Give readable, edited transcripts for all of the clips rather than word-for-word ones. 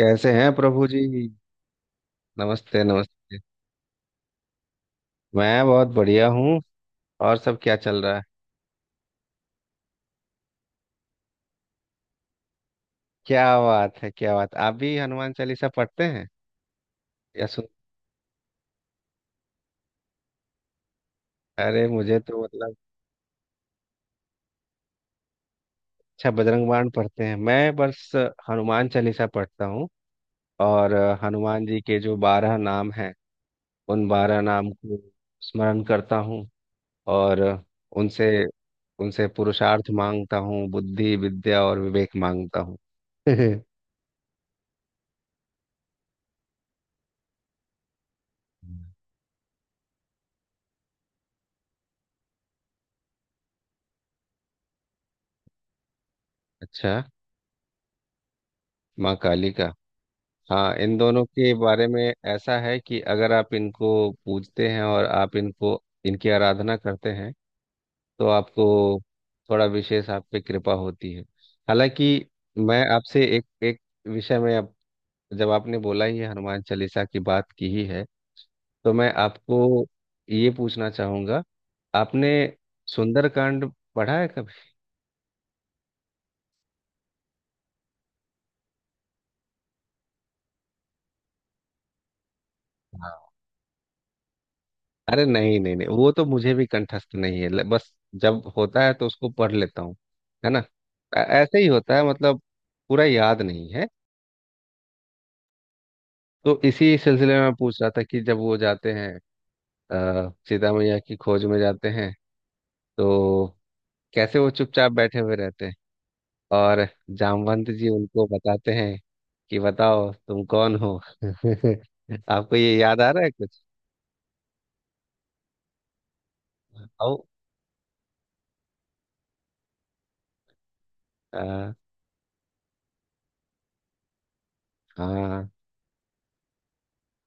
कैसे हैं प्रभु जी। नमस्ते नमस्ते। मैं बहुत बढ़िया हूँ। और सब क्या चल रहा है? क्या बात है, क्या बात! आप भी हनुमान चालीसा पढ़ते हैं या सुन? अरे मुझे तो मतलब, अच्छा बजरंग बाण पढ़ते हैं। मैं बस हनुमान चालीसा पढ़ता हूँ और हनुमान जी के जो 12 नाम हैं उन 12 नाम को स्मरण करता हूँ और उनसे उनसे पुरुषार्थ मांगता हूँ, बुद्धि विद्या और विवेक मांगता हूँ। अच्छा, माँ काली का। हाँ, इन दोनों के बारे में ऐसा है कि अगर आप इनको पूजते हैं और आप इनको इनकी आराधना करते हैं तो आपको थोड़ा विशेष आप पे कृपा होती है। हालांकि मैं आपसे एक एक विषय में, अब जब आपने बोला ही है, हनुमान चालीसा की बात की ही है, तो मैं आपको ये पूछना चाहूंगा। आपने सुंदरकांड पढ़ा है कभी? अरे नहीं नहीं नहीं, वो तो मुझे भी कंठस्थ नहीं है। बस जब होता है तो उसको पढ़ लेता हूँ, है ना। ऐसे ही होता है मतलब, पूरा याद नहीं है। तो इसी सिलसिले में मैं पूछ रहा था कि जब वो जाते हैं, सीता मैया की खोज में जाते हैं, तो कैसे वो चुपचाप बैठे हुए रहते हैं और जामवंत जी उनको बताते हैं कि बताओ तुम कौन हो। आपको ये याद आ रहा है कुछ? आओ। अ, हाँ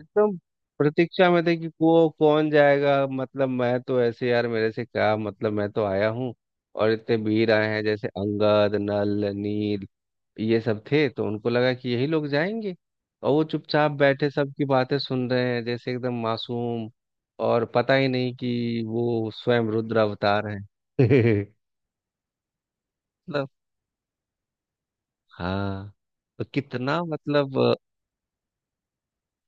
एकदम। प्रतीक्षा में थे कि को कौन जाएगा, मतलब मैं तो ऐसे, यार मेरे से क्या मतलब, मैं तो आया हूँ। और इतने वीर आए हैं, जैसे अंगद नल नील ये सब थे, तो उनको लगा कि यही लोग जाएंगे। और वो चुपचाप बैठे सबकी बातें सुन रहे हैं, जैसे एकदम मासूम, और पता ही नहीं कि वो स्वयं रुद्र अवतार हैं। मतलब, हाँ, तो कितना मतलब,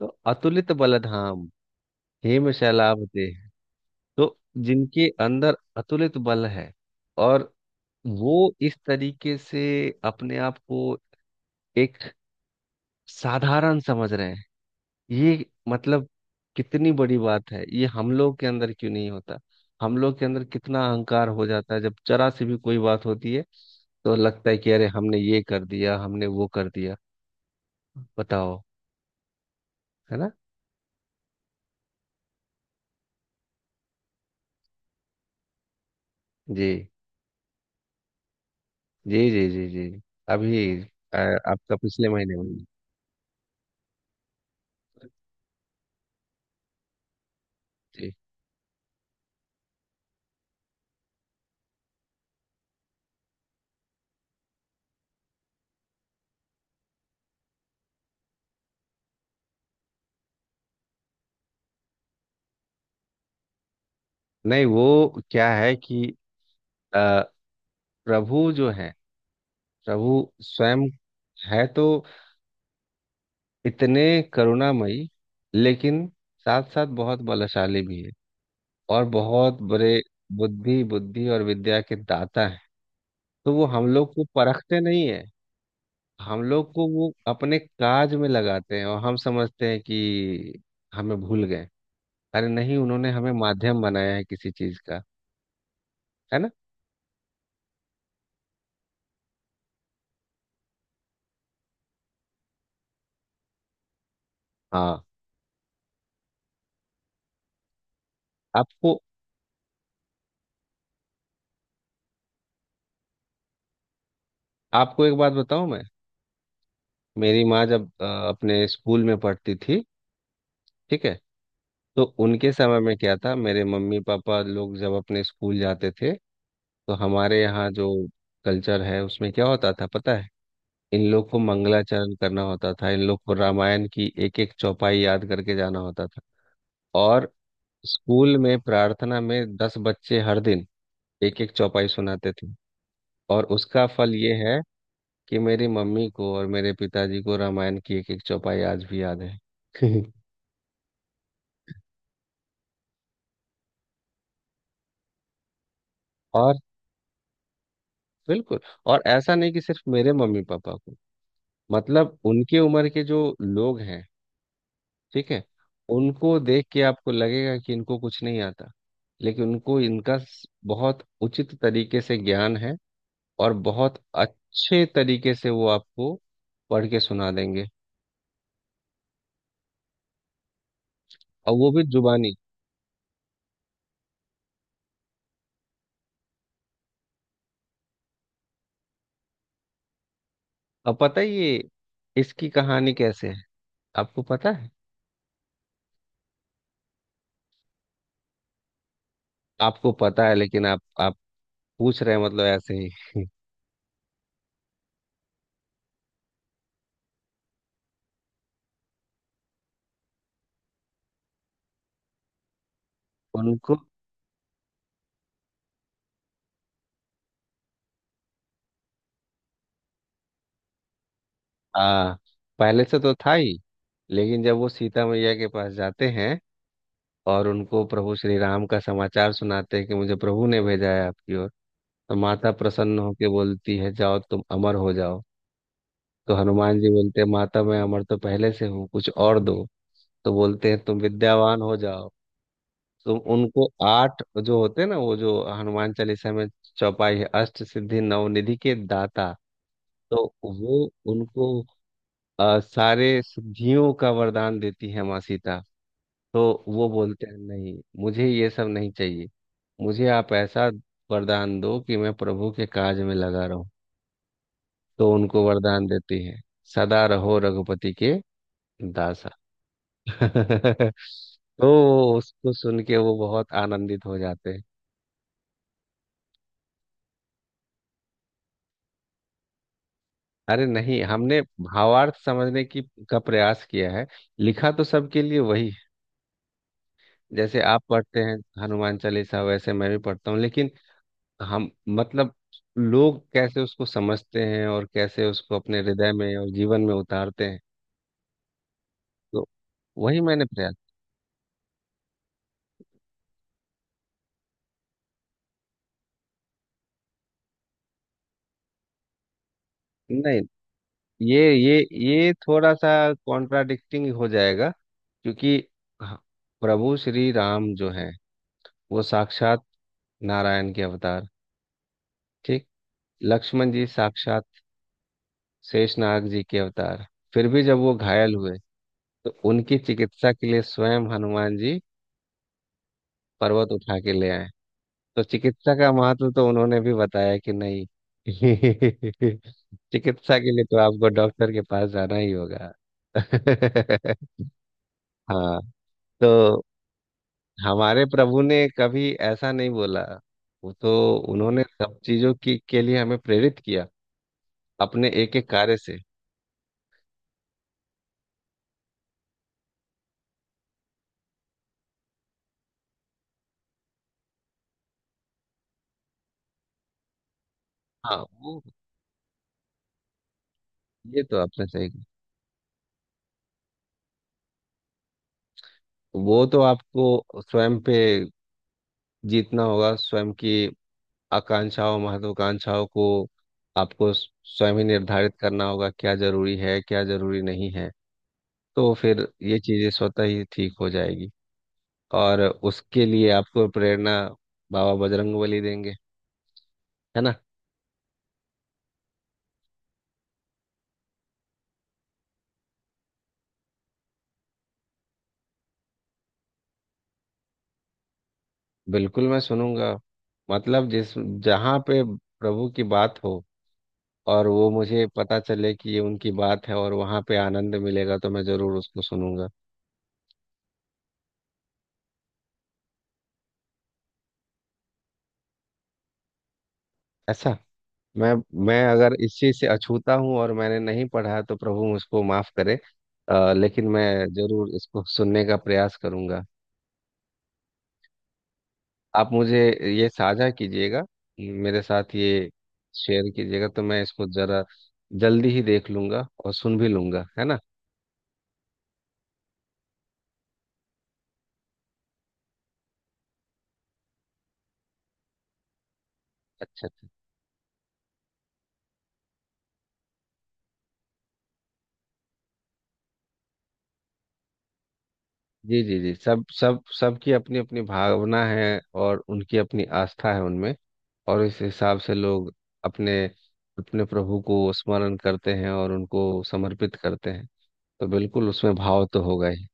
तो अतुलित बलधाम, हेम शैलाभ देह, तो जिनके अंदर अतुलित बल है, और वो इस तरीके से अपने आप को एक साधारण समझ रहे हैं, ये मतलब कितनी बड़ी बात है। ये हम लोग के अंदर क्यों नहीं होता? हम लोग के अंदर कितना अहंकार हो जाता है, जब जरा सी भी कोई बात होती है तो लगता है कि अरे हमने ये कर दिया, हमने वो कर दिया। बताओ, है ना। जी जी जी जी जी। अभी आपका पिछले महीने में। जी। नहीं वो क्या है कि प्रभु जो है, प्रभु स्वयं है तो इतने करुणामयी, लेकिन साथ साथ बहुत बलशाली भी है, और बहुत बड़े बुद्धि बुद्धि और विद्या के दाता है। तो वो हम लोग को परखते नहीं है, हम लोग को वो अपने काज में लगाते हैं, और हम समझते हैं कि हमें भूल गए। अरे नहीं, उन्होंने हमें माध्यम बनाया है किसी चीज का, है ना। हाँ। आपको आपको एक बात बताऊं मैं। मेरी माँ जब अपने स्कूल में पढ़ती थी, ठीक है, तो उनके समय में क्या था, मेरे मम्मी पापा लोग जब अपने स्कूल जाते थे, तो हमारे यहाँ जो कल्चर है उसमें क्या होता था पता है? इन लोग को मंगलाचरण करना होता था, इन लोग को रामायण की एक एक चौपाई याद करके जाना होता था। और स्कूल में प्रार्थना में 10 बच्चे हर दिन एक एक चौपाई सुनाते थे, और उसका फल ये है कि मेरी मम्मी को और मेरे पिताजी को रामायण की एक एक चौपाई आज भी याद है। और, बिल्कुल, और ऐसा नहीं कि सिर्फ मेरे मम्मी पापा को, मतलब उनके उम्र के जो लोग हैं, ठीक है, उनको देख के आपको लगेगा कि इनको कुछ नहीं आता, लेकिन उनको इनका बहुत उचित तरीके से ज्ञान है, और बहुत अच्छे तरीके से वो आपको पढ़ के सुना देंगे, और वो भी जुबानी। अब पता है ये इसकी कहानी कैसे है? आपको पता है? आपको पता है लेकिन आप पूछ रहे हैं मतलब ऐसे ही? उनको, आ, पहले से तो था ही, लेकिन जब वो सीता मैया के पास जाते हैं और उनको प्रभु श्री राम का समाचार सुनाते हैं कि मुझे प्रभु ने भेजा है आपकी ओर, तो माता प्रसन्न होकर बोलती है जाओ तुम अमर हो जाओ। तो हनुमान जी बोलते हैं माता मैं अमर तो पहले से हूँ, कुछ और दो। तो बोलते हैं तुम विद्यावान हो जाओ। तो उनको 8 जो होते हैं ना, वो जो हनुमान चालीसा में चौपाई है, अष्ट सिद्धि नवनिधि के दाता, तो वो उनको सारे सिद्धियों का वरदान देती है माँ सीता। तो वो बोलते हैं नहीं, मुझे ये सब नहीं चाहिए, मुझे आप ऐसा वरदान दो कि मैं प्रभु के काज में लगा रहूं। तो उनको वरदान देती है सदा रहो रघुपति के दासा। तो उसको सुन के वो बहुत आनंदित हो जाते हैं। अरे नहीं, हमने भावार्थ समझने की का प्रयास किया है। लिखा तो सबके लिए वही है। जैसे आप पढ़ते हैं हनुमान चालीसा, वैसे मैं भी पढ़ता हूँ, लेकिन हम, मतलब लोग कैसे उसको समझते हैं और कैसे उसको अपने हृदय में और जीवन में उतारते हैं, तो वही मैंने प्रयास। नहीं, ये ये, ये थोड़ा सा कॉन्ट्राडिक्टिंग हो जाएगा, क्योंकि ह- प्रभु श्री राम जो हैं वो साक्षात नारायण के अवतार, ठीक। लक्ष्मण जी साक्षात शेषनाग जी के अवतार, फिर भी जब वो घायल हुए तो उनकी चिकित्सा के लिए स्वयं हनुमान जी पर्वत उठा के ले आए। तो चिकित्सा का महत्व तो उन्होंने भी बताया कि नहीं? चिकित्सा के लिए तो आपको डॉक्टर के पास जाना ही होगा। हाँ। तो हमारे प्रभु ने कभी ऐसा नहीं बोला, वो तो उन्होंने सब चीजों की के लिए हमें प्रेरित किया अपने एक एक कार्य से। हाँ वो, ये तो आपने सही कहा। वो तो आपको स्वयं पे जीतना होगा, स्वयं की आकांक्षाओं महत्वाकांक्षाओं को। आपको स्वयं ही निर्धारित करना होगा क्या जरूरी है क्या जरूरी नहीं है, तो फिर ये चीजें स्वतः ही ठीक हो जाएगी। और उसके लिए आपको प्रेरणा बाबा बजरंगबली देंगे, है ना। बिल्कुल मैं सुनूंगा, मतलब जिस जहाँ पे प्रभु की बात हो और वो मुझे पता चले कि ये उनकी बात है और वहाँ पे आनंद मिलेगा, तो मैं जरूर उसको सुनूंगा। ऐसा, मैं मैं अगर इस चीज से अछूता हूँ और मैंने नहीं पढ़ा तो प्रभु मुझको माफ करे। लेकिन मैं जरूर इसको सुनने का प्रयास करूंगा। आप मुझे ये साझा कीजिएगा, मेरे साथ ये शेयर कीजिएगा, तो मैं इसको जरा जल्दी ही देख लूंगा और सुन भी लूंगा, है ना। अच्छा अच्छा, जी जी जी। सब, सबकी अपनी अपनी भावना है और उनकी अपनी आस्था है उनमें, और इस हिसाब से लोग अपने अपने प्रभु को स्मरण करते हैं और उनको समर्पित करते हैं, तो बिल्कुल उसमें भाव तो होगा ही।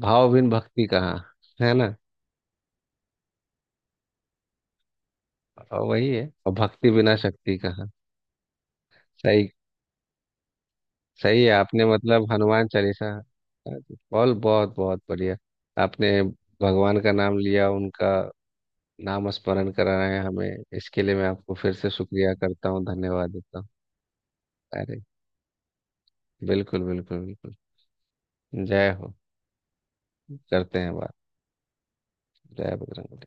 भाव बिन भक्ति कहाँ, है ना। और वही है, और भक्ति बिना शक्ति कहाँ। सही, सही है आपने। मतलब हनुमान चालीसा बहुत बहुत बहुत बढ़िया। आपने भगवान का नाम लिया, उनका नाम स्मरण कराया हमें, इसके लिए मैं आपको फिर से शुक्रिया करता हूँ, धन्यवाद देता हूँ। अरे बिल्कुल बिल्कुल बिल्कुल, जय हो। करते हैं बात। जय बजरंग।